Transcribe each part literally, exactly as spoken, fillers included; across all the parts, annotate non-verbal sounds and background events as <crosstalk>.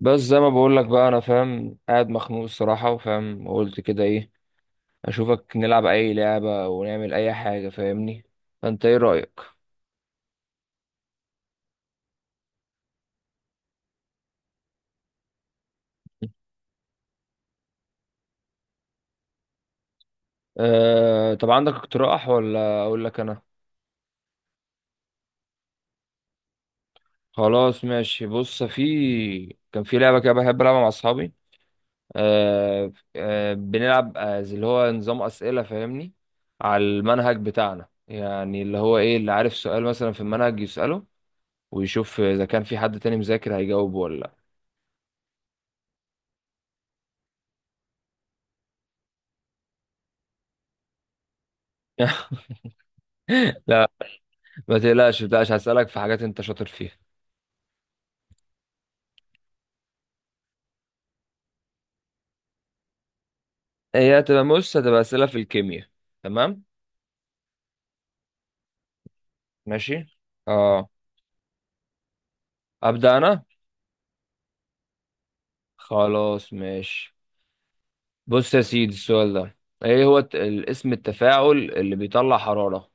بس زي ما بقول لك بقى انا فاهم قاعد مخنوق الصراحه وفاهم وقلت كده ايه اشوفك نلعب اي لعبه ونعمل اي حاجه فاهمني، فانت ايه رايك؟ أه، طب عندك اقتراح ولا اقول لك انا؟ خلاص ماشي، بص في كان في لعبه كده بحب العبها مع اصحابي. أه أه بنلعب آه، زي اللي هو نظام اسئله فاهمني، على المنهج بتاعنا، يعني اللي هو ايه اللي عارف سؤال مثلا في المنهج يساله ويشوف اذا كان في حد تاني مذاكر هيجاوب ولا. لا <laughs> ما تقلقش ما تقلقش، هسألك في حاجات انت شاطر فيها. هي هتبقى، بص، هتبقى أسئلة في الكيمياء. تمام. ماشي. اه. أبدأ أنا. خلاص ماشي. بص يا سيدي، السؤال ده، ايه هو الت- ال- اسم التفاعل اللي بيطلع حرارة؟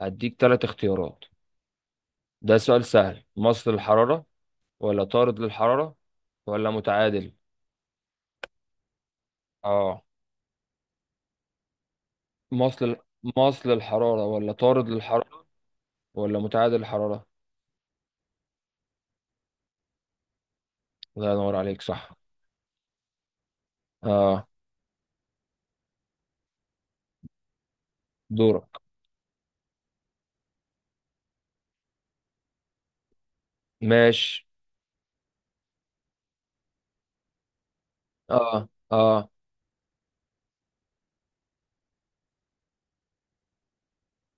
هديك ثلاث اختيارات. ده سؤال سهل. مصل الحرارة، ولا طارد للحرارة، ولا متعادل؟ اه. مصل مصل الحرارة، ولا طارد للحرارة، ولا متعادل الحرارة. الله ينور عليك، صح. اه. دورك. ماشي. اه اه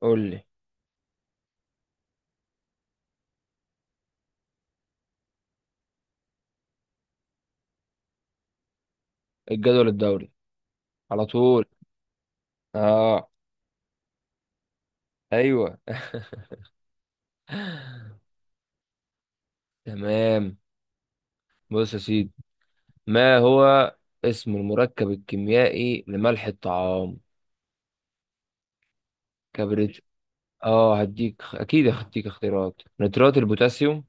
قول لي. الجدول الدوري. على طول. اه. ايوه <laughs> تمام. بص يا سيدي، ما هو اسم المركب الكيميائي لملح الطعام؟ كبريت؟ اه هديك اكيد، هديك اختيارات: نترات البوتاسيوم،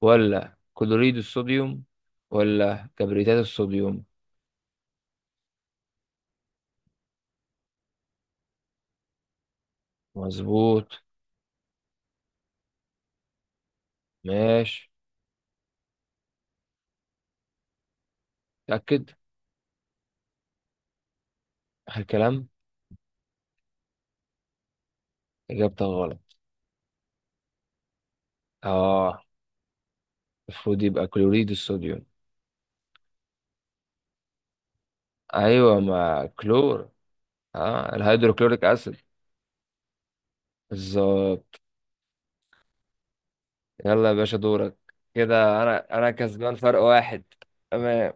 ولا كلوريد الصوديوم، ولا كبريتات الصوديوم. مظبوط. ماشي. تأكد. آخر كلام. إجابتك غلط. اه. المفروض يبقى كلوريد الصوديوم. ايوه ما كلور. اه الهيدروكلوريك اسيد. بالظبط. يلا يا باشا دورك. كده انا انا كسبان فرق واحد. تمام.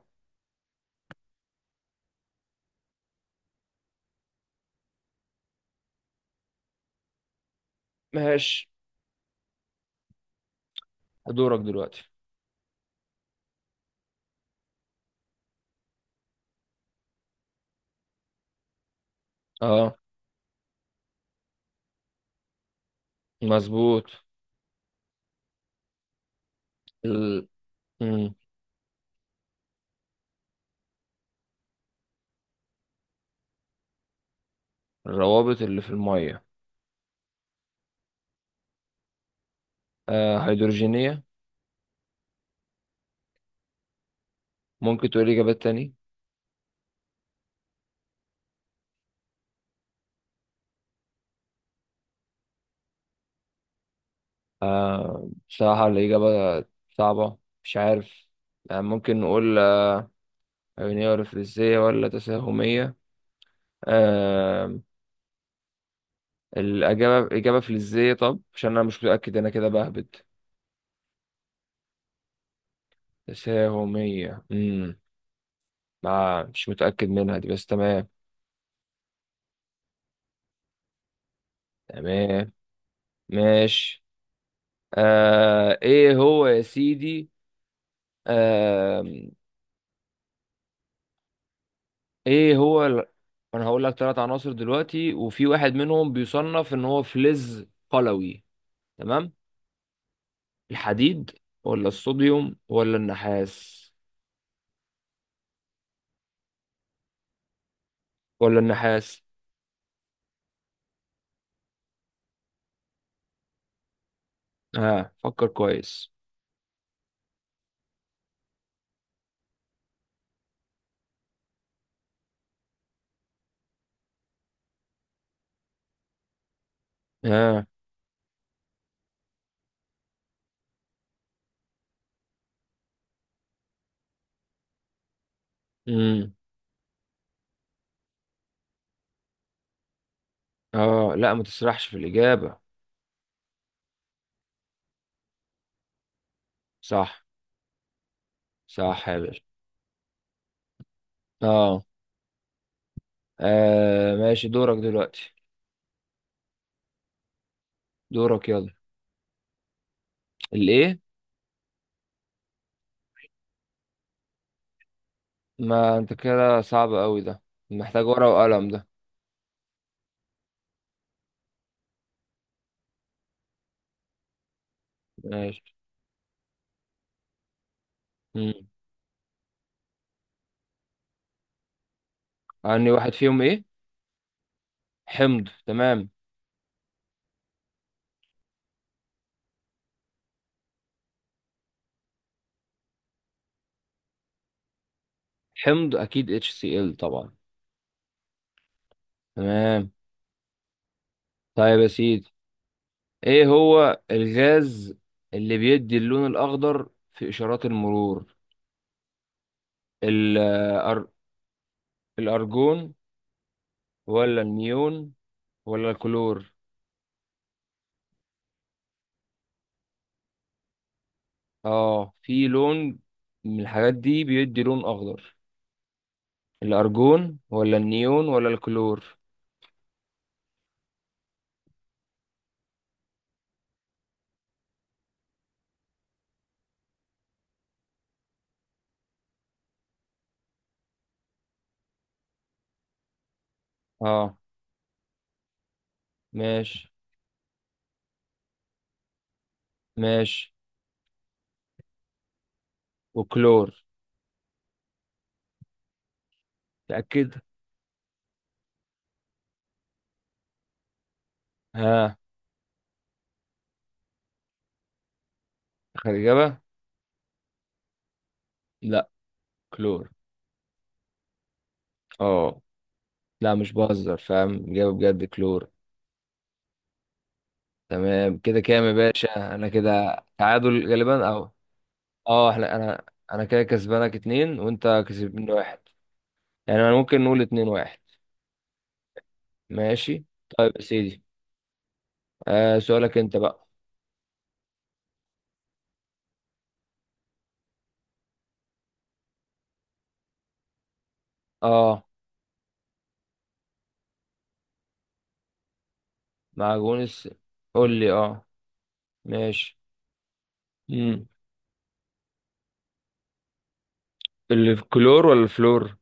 ماشي دورك دلوقتي. اه. مظبوط. ال... مم. الروابط اللي في الميه؟ آه هيدروجينية. ممكن تقول اجابات تاني؟ آه بصراحة الاجابة صعبة، مش عارف. يعني ممكن نقول آه، عيونية ورفلكسية ولا تساهمية. آه. الإجابة إجابة فلزية. طب عشان أنا مش متأكد، أنا كده بهبد. تساهمية. امم ما مش متأكد منها دي، بس تمام. تمام. ماشي. آه إيه هو يا سيدي؟ آه إيه هو ال... أنا هقول لك ثلاث عناصر دلوقتي، وفي واحد منهم بيصنف إن هو فلز قلوي. تمام. الحديد، ولا الصوديوم، ولا النحاس؟ ولا النحاس؟ ها آه. فكر كويس. ها آه. اه لا، ما تسرحش في الإجابة. صح. صح يا باشا. اه. آه، ماشي دورك دلوقتي. دورك يلا. الإيه؟ ما أنت كده صعب قوي ده، محتاج ورقة وقلم ده. ماشي. مم. أني واحد فيهم إيه؟ حمض؟ تمام، حمض أكيد HCl طبعا. تمام. طيب يا سيدي، إيه هو الغاز اللي بيدي اللون الأخضر في إشارات المرور؟ ال- آه، الأر- الأرجون، ولا النيون، ولا الكلور؟ اه في لون من الحاجات دي بيدي لون اخضر، الارجون ولا النيون ولا الكلور. اه. ماشي. ماشي. وكلور. تأكد. ها اخر اجابة. لا، كلور. اه. لا مش بهزر، فاهم، اجابة بجد كلور. تمام كده كام يا باشا؟ انا كده تعادل غالبا او. اه. احنا انا انا كده كسبانك اتنين، وانت كسبني واحد. يعني انا ممكن نقول اتنين واحد. ماشي. طيب يا سيدي، آه سؤالك انت بقى. اه. معجون. قول لي. اه. ماشي. امم. الكلور ولا الفلور؟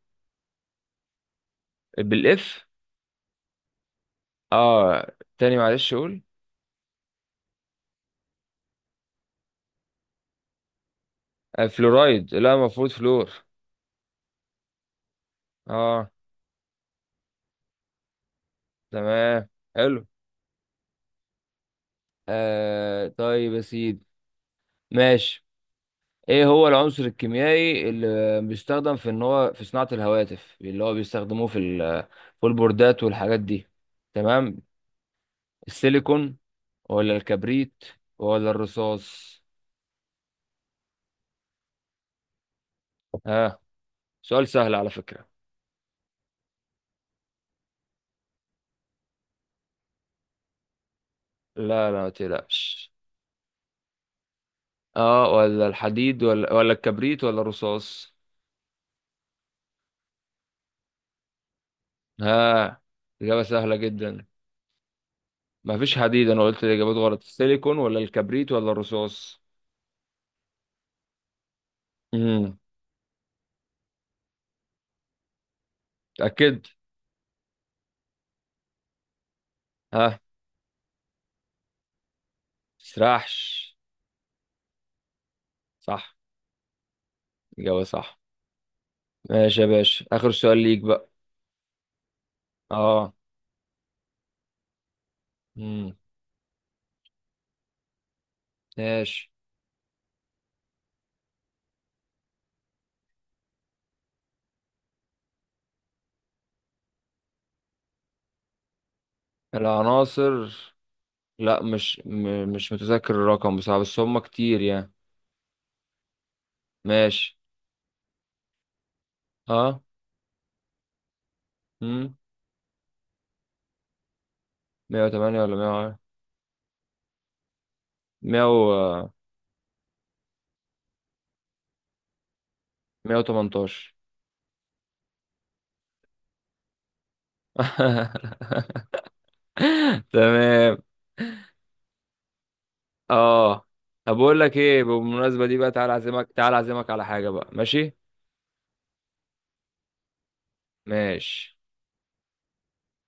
بالاف. اه تاني معلش، قول. آه فلورايد، لا المفروض فلور. اه. تمام. حلو. آه طيب يا سيدي، ماشي، ايه هو العنصر الكيميائي اللي بيستخدم في ان هو في صناعة الهواتف، اللي هو بيستخدموه في ال- في البوردات والحاجات دي؟ تمام. السيليكون، ولا الكبريت، ولا الرصاص. ها؟ سؤال سهل على فكرة. لا لا، ما تقلقش. اه، ولا الحديد، ولا ولا الكبريت، ولا الرصاص. ها؟ إجابة سهلة جدا. ما فيش حديد، أنا قلت الإجابات غلط: السيليكون، ولا الكبريت، ولا الرصاص. امم. تأكد. ها. تسرحش. صح. إجابة صح. ماشي يا باشا، آخر سؤال ليك بقى. اه. امم. ماشي. العناصر. لا مش م... مش متذكر الرقم بصراحة، بس هم كتير يعني. ماشي. اه. امم. مية وتمانية ولا. 100 مية. مية وتمنتاشر. <laughs> تمام. اه طب بقول لك ايه، بالمناسبة دي بقى، تعالى اعزمك، تعالى اعزمك على حاجة بقى؟ ماشي. ماشي.